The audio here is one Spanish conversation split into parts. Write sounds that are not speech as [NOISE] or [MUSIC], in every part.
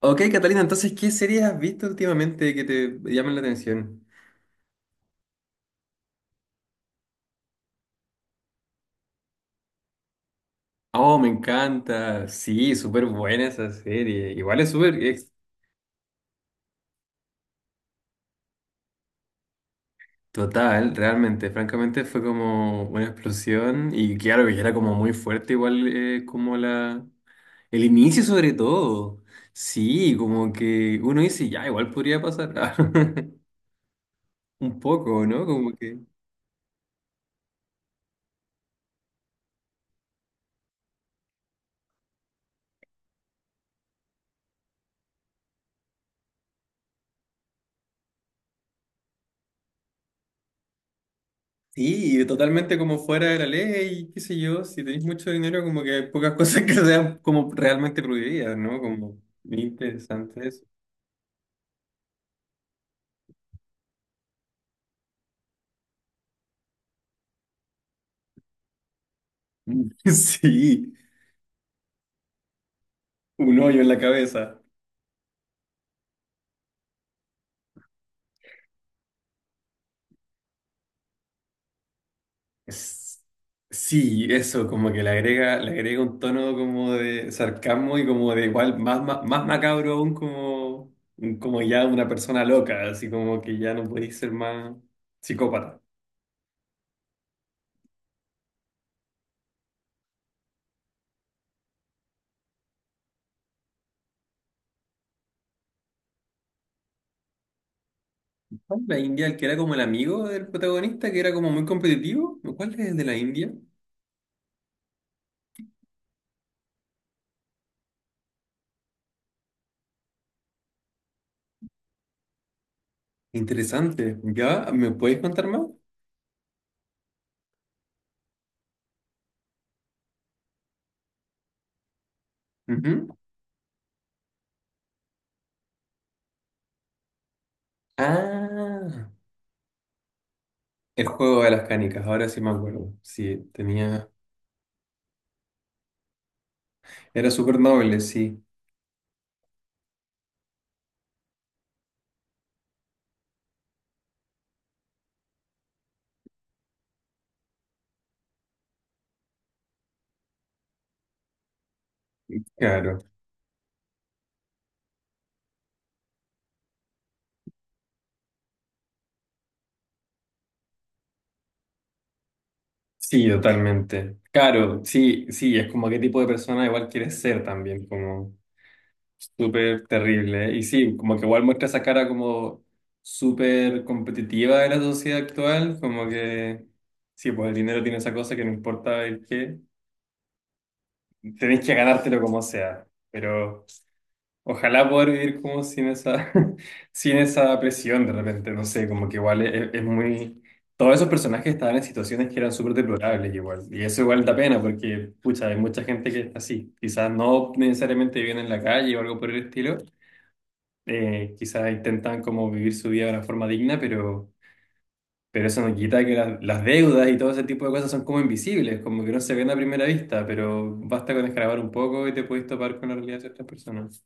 Ok, Catalina, entonces, ¿qué series has visto últimamente que te llamen la atención? Oh, me encanta. Sí, súper buena esa serie. Igual es súper es total, realmente. Francamente fue como una explosión y claro que era como muy fuerte, igual como la... El inicio sobre todo. Sí, como que uno dice, ya, igual podría pasar. [LAUGHS] Un poco, ¿no? Como que... Sí, y totalmente como fuera de la ley, qué sé yo, si tenéis mucho dinero, como que hay pocas [LAUGHS] cosas que sean como realmente prohibidas, ¿no? Como muy interesante eso. Mm. [LAUGHS] Sí, un hoyo en la cabeza. Es- Sí, eso, como que le agrega un tono como de sarcasmo y como de igual, más, más, macabro aún como, como ya una persona loca, así como que ya no podéis ser más psicópata. ¿Cuál es La India, el que era como el amigo del protagonista, que era como muy competitivo? ¿Cuál es el de la India? Interesante. ¿Ya? ¿Me puedes contar más? Ujú. Ah, el juego de las canicas, ahora sí me acuerdo. Sí, tenía. Era súper noble, sí. Claro. Sí, totalmente. Claro, sí, sí, es como qué tipo de persona igual quieres ser también, como. Súper terrible, ¿eh? Y sí, como que igual muestra esa cara como súper competitiva de la sociedad actual, como que sí, pues el dinero tiene esa cosa que no importa el qué, tenés que ganártelo como sea, pero ojalá poder vivir como sin esa, [LAUGHS] sin esa presión de repente, no sé, como que igual es muy... Todos esos personajes estaban en situaciones que eran súper deplorables igual, y eso igual da pena porque, pucha, hay mucha gente que es así, quizás no necesariamente viven en la calle o algo por el estilo, quizás intentan como vivir su vida de una forma digna, pero eso no quita que las deudas y todo ese tipo de cosas son como invisibles, como que no se ven a primera vista, pero basta con escarbar un poco y te puedes topar con la realidad de ciertas personas.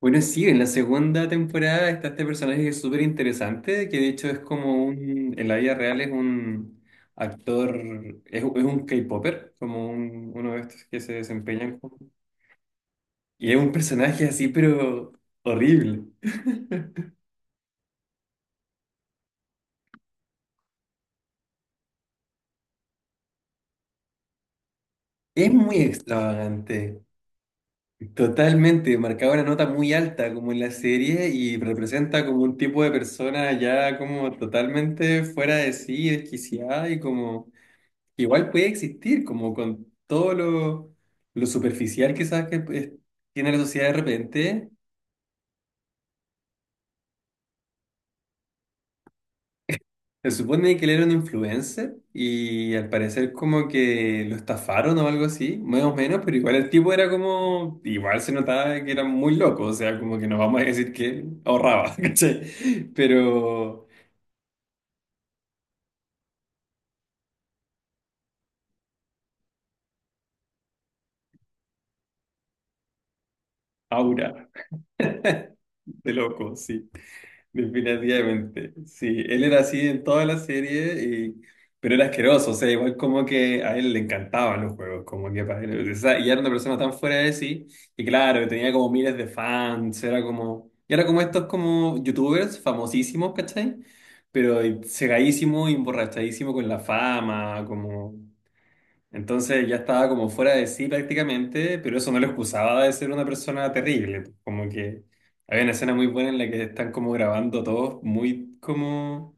Bueno, sí, en la segunda temporada está este personaje que es súper interesante, que de hecho es como un, en la vida real es un actor, es un K-popper, como uno de estos que se desempeñan como... Y es un personaje así, pero horrible. [LAUGHS] Es muy extravagante, totalmente, marcaba una nota muy alta como en la serie y representa como un tipo de persona ya como totalmente fuera de sí, desquiciada y como igual puede existir, como con todo lo superficial que sabes que pues, tiene la sociedad de repente. Se supone que él era un influencer y al parecer como que lo estafaron o algo así, más o menos, pero igual el tipo era como, igual se notaba que era muy loco, o sea, como que no vamos a decir que ahorraba, [LAUGHS] ¿cachai? Pero aura [LAUGHS] de loco, sí. Definitivamente. Sí, él era así en toda la serie, y pero era asqueroso. O sea, igual como que a él le encantaban los juegos, como que para él. O sea, y era una persona tan fuera de sí, y claro, que tenía como miles de fans, era como. Y era como estos como youtubers famosísimos, ¿cachai? Pero cegadísimo y emborrachadísimo con la fama, como. Entonces ya estaba como fuera de sí prácticamente, pero eso no lo excusaba de ser una persona terrible. Como que había una escena muy buena en la que están como grabando todos muy como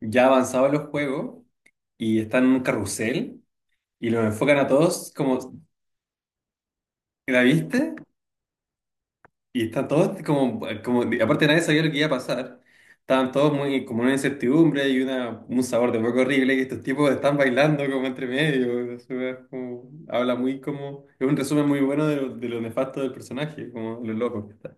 ya avanzados los juegos y están en un carrusel y los enfocan a todos como, ¿la viste? Y están todos como, como, aparte nadie sabía lo que iba a pasar. Estaban todos muy, como en una incertidumbre y una, un sabor de hueco horrible. Y estos tipos están bailando como entre medio. Es como habla muy como, es un resumen muy bueno de lo nefasto del personaje, como lo loco que está.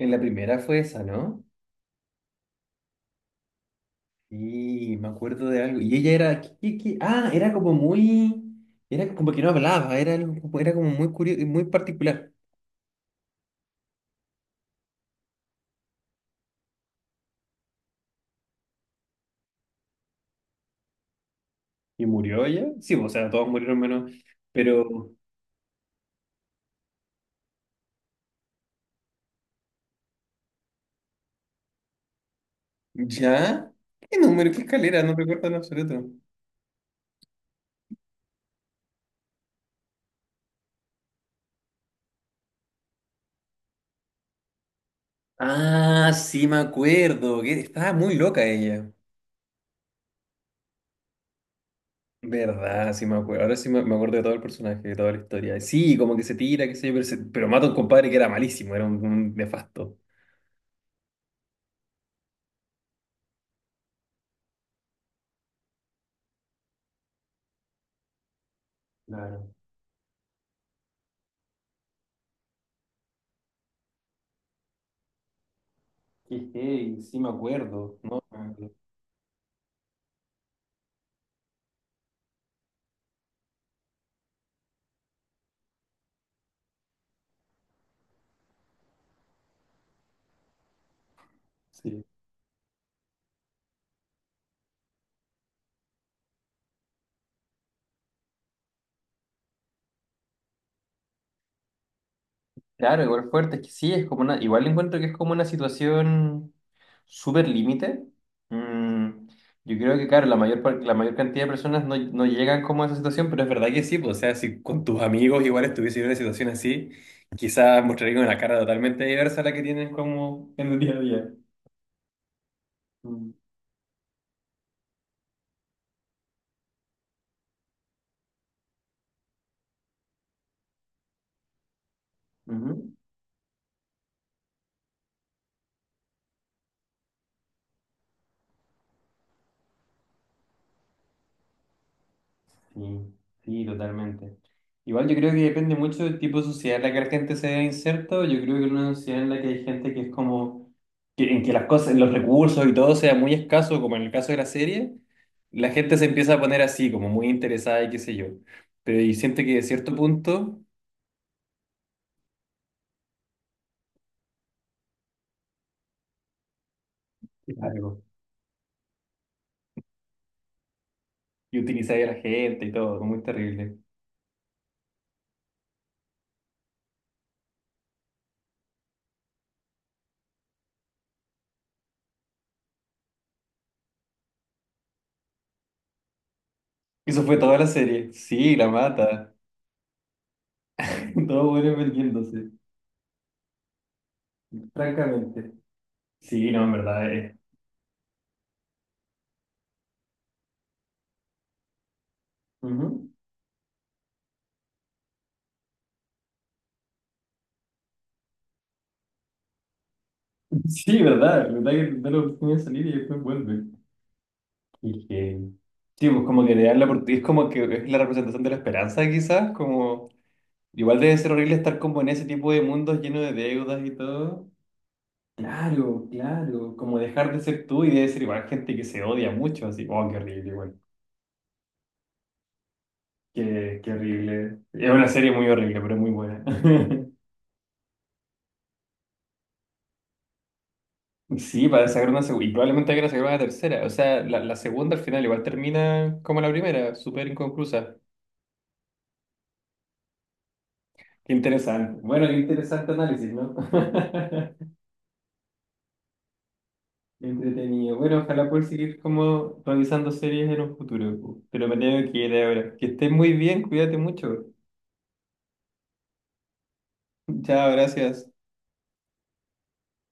En la primera fue esa, ¿no? Y me acuerdo de algo. Y ella era... ¿qué, qué? Ah, era como muy... Era como que no hablaba, era, algo era como muy curioso, muy particular. ¿Y murió ella? Sí, o sea, todos murieron menos... Pero ¿ya? ¿Qué número? ¿Qué escalera? No recuerdo en absoluto. Ah, sí me acuerdo que estaba muy loca ella. Verdad, sí me acuerdo. Ahora sí me acuerdo de todo el personaje, de toda la historia. Sí, como que se tira, qué sé yo, pero, se pero mata a un compadre que era malísimo, era un nefasto. Claro. Qué heavy, sí me acuerdo. No, me acuerdo. Sí. Claro, igual fuerte, es que sí, es como una, igual encuentro que es como una situación súper límite. Mm, yo creo que, claro, la mayor, par- la mayor cantidad de personas no, no llegan como a esa situación, pero es verdad que sí, pues, o sea, si con tus amigos igual estuviese en una situación así, quizás mostraría una cara totalmente diversa a la que tienen como en el día a día. Mm, ujú. Sí, sí, totalmente. Igual yo creo que depende mucho del tipo de sociedad en la que la gente se vea inserta. Yo creo que en una sociedad en la que hay gente que es como, que en que las cosas, los recursos y todo sea muy escaso, como en el caso de la serie, la gente se empieza a poner así, como muy interesada y qué sé yo. Pero y siente que de cierto punto, claro, y utilizar a la gente y todo, como muy terrible. Eso fue toda la serie. Sí, la mata. [LAUGHS] Todo bueno vendiéndose, francamente. Sí, no, en verdad es. Sí, verdad, verdad que da la oportunidad de salir y después vuelve. Y que... Sí, pues como que le dan la oportunidad, es como que es la representación de la esperanza quizás, como... Igual debe ser horrible estar como en ese tipo de mundos lleno de deudas y todo. Claro, claro, como dejar de ser tú y debe ser igual gente que se odia mucho, así, oh, qué horrible, igual qué, qué horrible. Es una serie muy horrible, pero es muy buena. [LAUGHS] Sí, para sacar una segunda, y probablemente hay que sacar una tercera, o sea, la segunda al final igual termina como la primera, súper inconclusa. Qué interesante. Bueno, qué interesante análisis, ¿no? [LAUGHS] Entretenido. Bueno, ojalá poder seguir como revisando series en un futuro, pu, pero me tengo que ir ahora. Que estés muy bien, cuídate mucho. Chao, gracias.